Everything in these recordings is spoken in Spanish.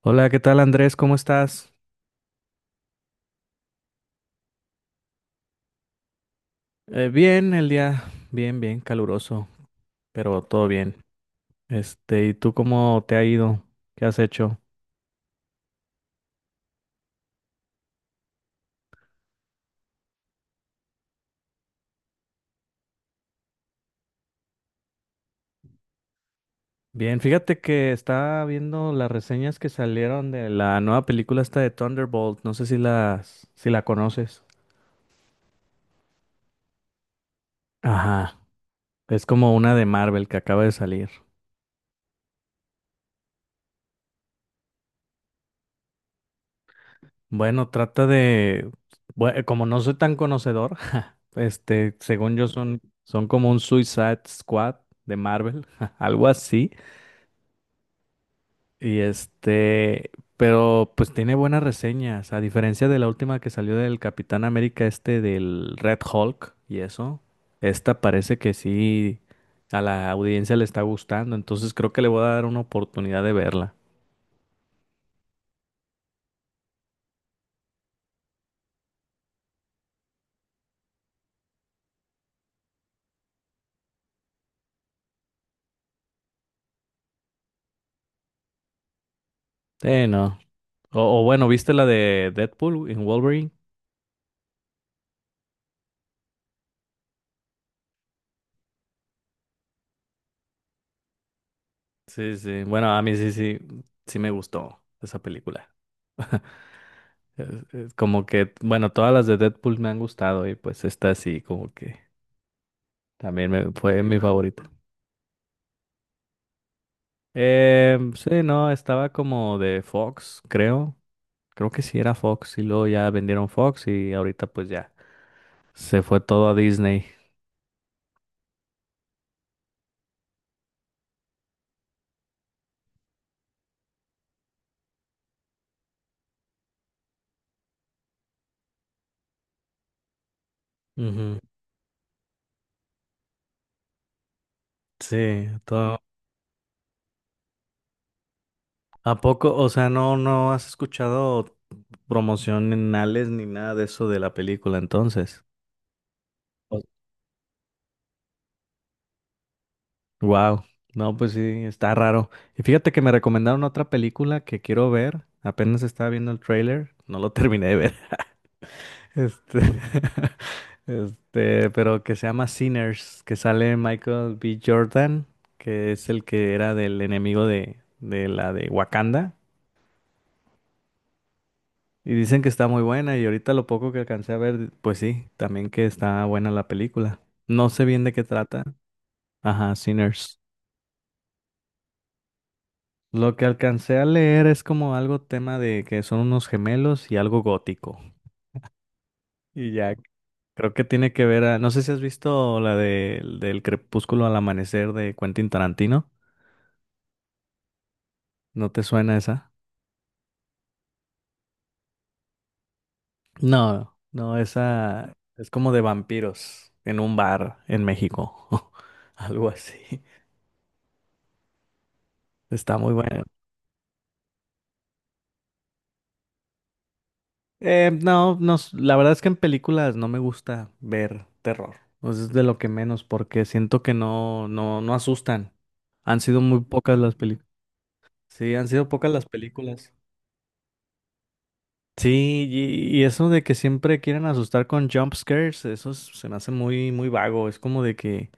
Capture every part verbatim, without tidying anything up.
Hola, ¿qué tal Andrés? ¿Cómo estás? Eh, bien, el día bien, bien caluroso, pero todo bien. Este, ¿y tú cómo te ha ido? ¿Qué has hecho? Bien, fíjate que estaba viendo las reseñas que salieron de la nueva película esta de Thunderbolt. No sé si las, si la conoces. Ajá, es como una de Marvel que acaba de salir. Bueno, trata de, bue- como no soy tan conocedor, ja, este, según yo son, son como un Suicide Squad de Marvel, algo así. Y este, pero pues tiene buenas reseñas, a diferencia de la última que salió del Capitán América este del Red Hulk y eso, esta parece que sí a la audiencia le está gustando, entonces creo que le voy a dar una oportunidad de verla. Sí, no. O, o bueno, ¿viste la de Deadpool en Wolverine? Sí, sí. Bueno, a mí sí, sí, sí me gustó esa película. Es- es como que, bueno, todas las de Deadpool me han gustado y pues esta sí, como que también me, fue mi favorita. Eh, sí, no, estaba como de Fox, creo. Creo que sí era Fox y luego ya vendieron Fox y ahorita pues ya se fue todo a Disney. Ujú, sí, todo. ¿A poco? O sea, no, no has escuchado promocionales ni nada de eso de la película entonces. Wow. No, pues sí, está raro. Y fíjate que me recomendaron otra película que quiero ver. Apenas estaba viendo el trailer, no lo terminé de ver. Este, este, pero que se llama Sinners, que sale Michael B. Jordan, que es el que era del enemigo de, de la de Wakanda. Y dicen que está muy buena, y ahorita lo poco que alcancé a ver, pues sí, también que está buena la película. No sé bien de qué trata. Ajá, Sinners. Lo que alcancé a leer es como algo tema de que son unos gemelos y algo gótico. Y ya. Creo que tiene que ver a... No sé si has visto la de, del crepúsculo al amanecer de Quentin Tarantino. ¿No te suena esa? No, no, esa es como de vampiros en un bar en México. Algo así. Está muy buena. Eh, no, no, s- la verdad es que en películas no me gusta ver terror. Pues es de lo que menos porque siento que no, no, no asustan. Han sido muy pocas las películas. Sí, han sido pocas las películas. Sí, y, y eso de que siempre quieren asustar con jump scares, eso es- se me hace muy, muy vago. Es como de que,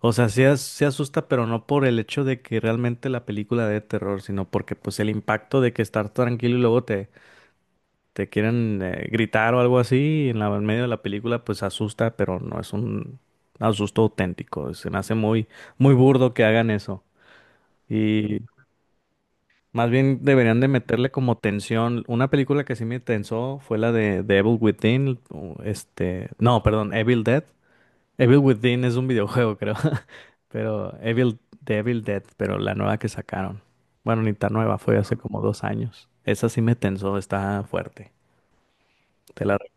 o sea, sí, as- sí asusta, pero no por el hecho de que realmente la película dé terror, sino porque pues el impacto de que estar tranquilo y luego te, te quieren eh, gritar o algo así en la, en medio de la película, pues asusta, pero no es un asusto auténtico. Se me hace muy, muy burdo que hagan eso. Más bien deberían de meterle como tensión. Una película que sí me tensó fue la de, de Evil Within. O este, no, perdón, Evil Dead. Evil Within es un videojuego, creo. Pero Evil, de Evil Dead, pero la nueva que sacaron. Bueno, ni tan nueva, fue hace como dos años. Esa sí me tensó, está fuerte. Te la re-.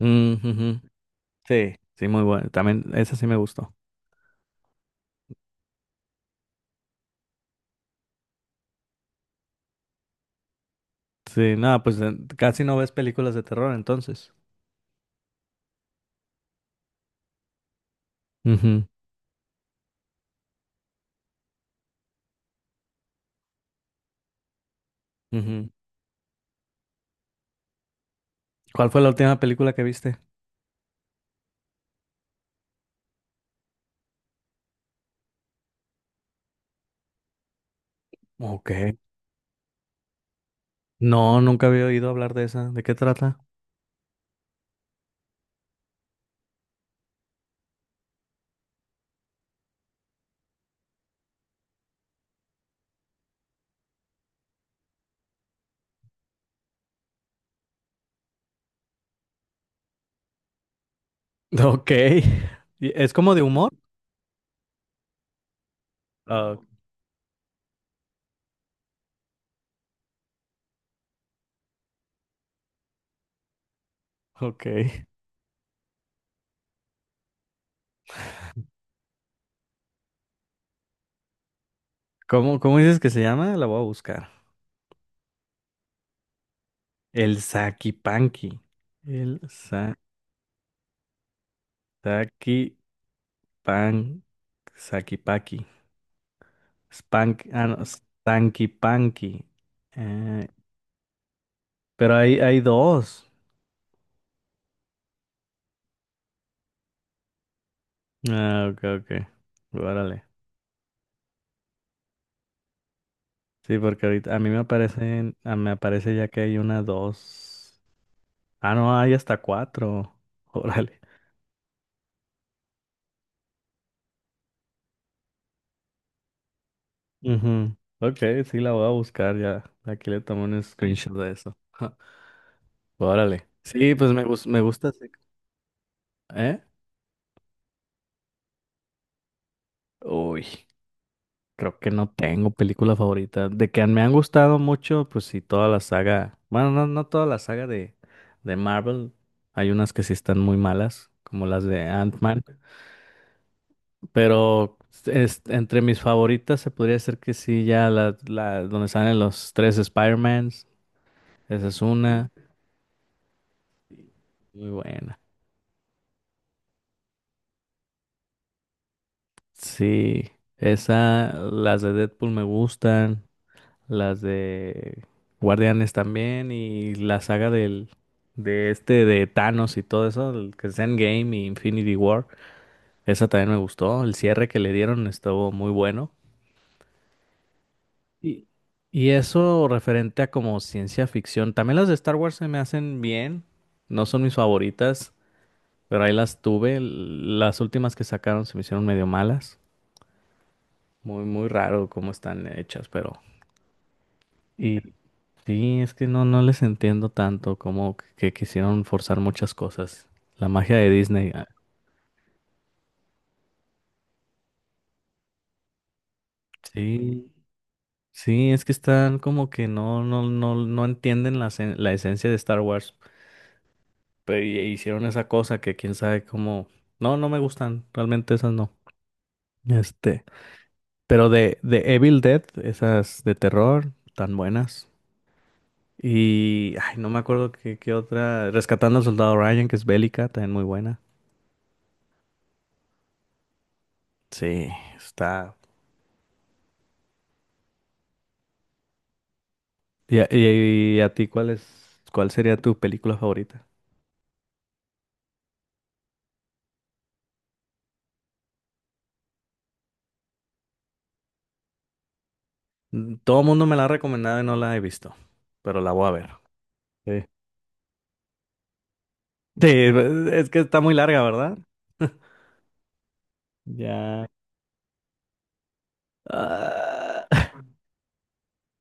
Mm, ujú. Sí, sí, muy buena. También esa sí me gustó. Sí, nada, pues eh, casi no ves películas de terror entonces. Ujú, ujú. ¿Cuál fue la última película que viste? Ok. No, nunca había oído hablar de esa. ¿De qué trata? Ok. ¿Y es como de humor? Ah, ok. ¿Cómo, cómo dices que se llama? La voy a buscar. El Sakipanki. El sa Sakipan Sakipaki. Spank, ah, no, Stankipanki. Eh, pero hay, hay dos. Ah, ok, ok. Órale. Sí, porque ahorita a mí me aparecen, ah, me aparece ya que hay una, dos. Ah, no, hay hasta cuatro. Órale. Ujú. Ok, sí la voy a buscar ya. Aquí le tomo un screenshot de eso. Ja, órale. Sí, pues me, gus- me gusta. Ese- ¿Eh? Uy, creo que no tengo película favorita. De que me han gustado mucho, pues sí, toda la saga. Bueno, no, no toda la saga de, de Marvel. Hay unas que sí están muy malas, como las de Ant-Man. Pero es- entre mis favoritas se podría decir que sí, ya la, la donde salen los tres Spider-Mans. Esa es una. Muy buena. Sí, esa, las de Deadpool me gustan, las de Guardianes también y la saga del de este de Thanos y todo eso, el que es Endgame y Infinity War, esa también me gustó, el cierre que le dieron estuvo muy bueno. Y, y eso referente a como ciencia ficción, también las de Star Wars se me hacen bien, no son mis favoritas, pero ahí las tuve, las últimas que sacaron se me hicieron medio malas. Muy, muy raro cómo están hechas, pero y sí, es que no, no les entiendo tanto como que, que quisieron forzar muchas cosas. La magia de Disney. ah, Sí, sí, es que están como que no, no, no, no entienden la, esen- la esencia de Star Wars. Pero y- e hicieron esa cosa que quién sabe cómo. No, no me gustan. Realmente esas no. Este. Pero de, de Evil Dead, esas de terror, tan buenas. Y ay, no me acuerdo qué, qué otra. Rescatando al Soldado Ryan, que es bélica, también muy buena. Sí, está. ¿Y a, y a ti cuál es, cuál sería tu película favorita? Mm, todo el mundo me la ha recomendado y no la he visto, pero la voy a ver. Sí, sí, es que está muy larga, ¿verdad? Ya. Ah,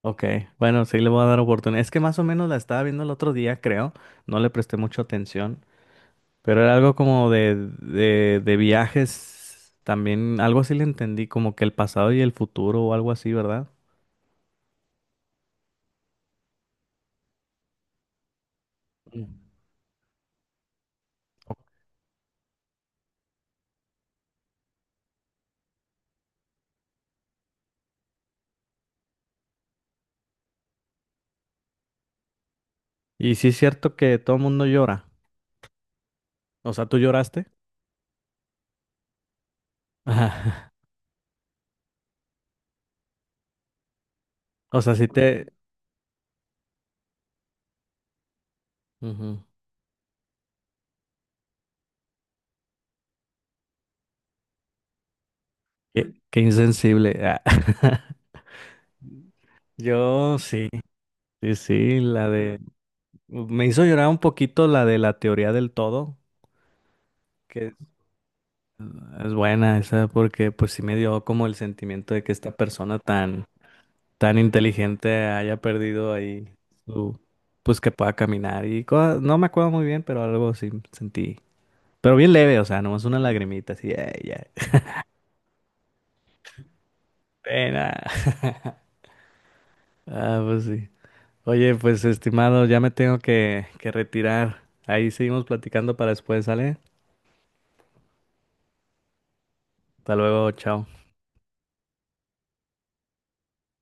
ok, bueno, sí le voy a dar oportunidad. Es que más o menos la estaba viendo el otro día, creo. No le presté mucha atención, pero era algo como de, de, de viajes. También algo así le entendí, como que el pasado y el futuro o algo así, ¿verdad? Mm. Y sí es cierto que todo el mundo llora. O sea, ¿tú lloraste? Ajá, o sea, sí te... Ujú. Qué, qué insensible. Ah. Yo sí, sí, sí, la de... Me hizo llorar un poquito la de la teoría del todo, que es es buena esa, porque pues sí me dio como el sentimiento de que esta persona tan, tan inteligente haya perdido ahí su... pues que pueda caminar y cosas- no me acuerdo muy bien, pero algo sí sentí. Pero bien leve, o sea, nomás una lagrimita, así, "Ey, ya", pena. Ah, pues sí. Oye, pues estimado, ya me tengo que, que, retirar. Ahí seguimos platicando para después, ¿sale? Hasta luego, chao.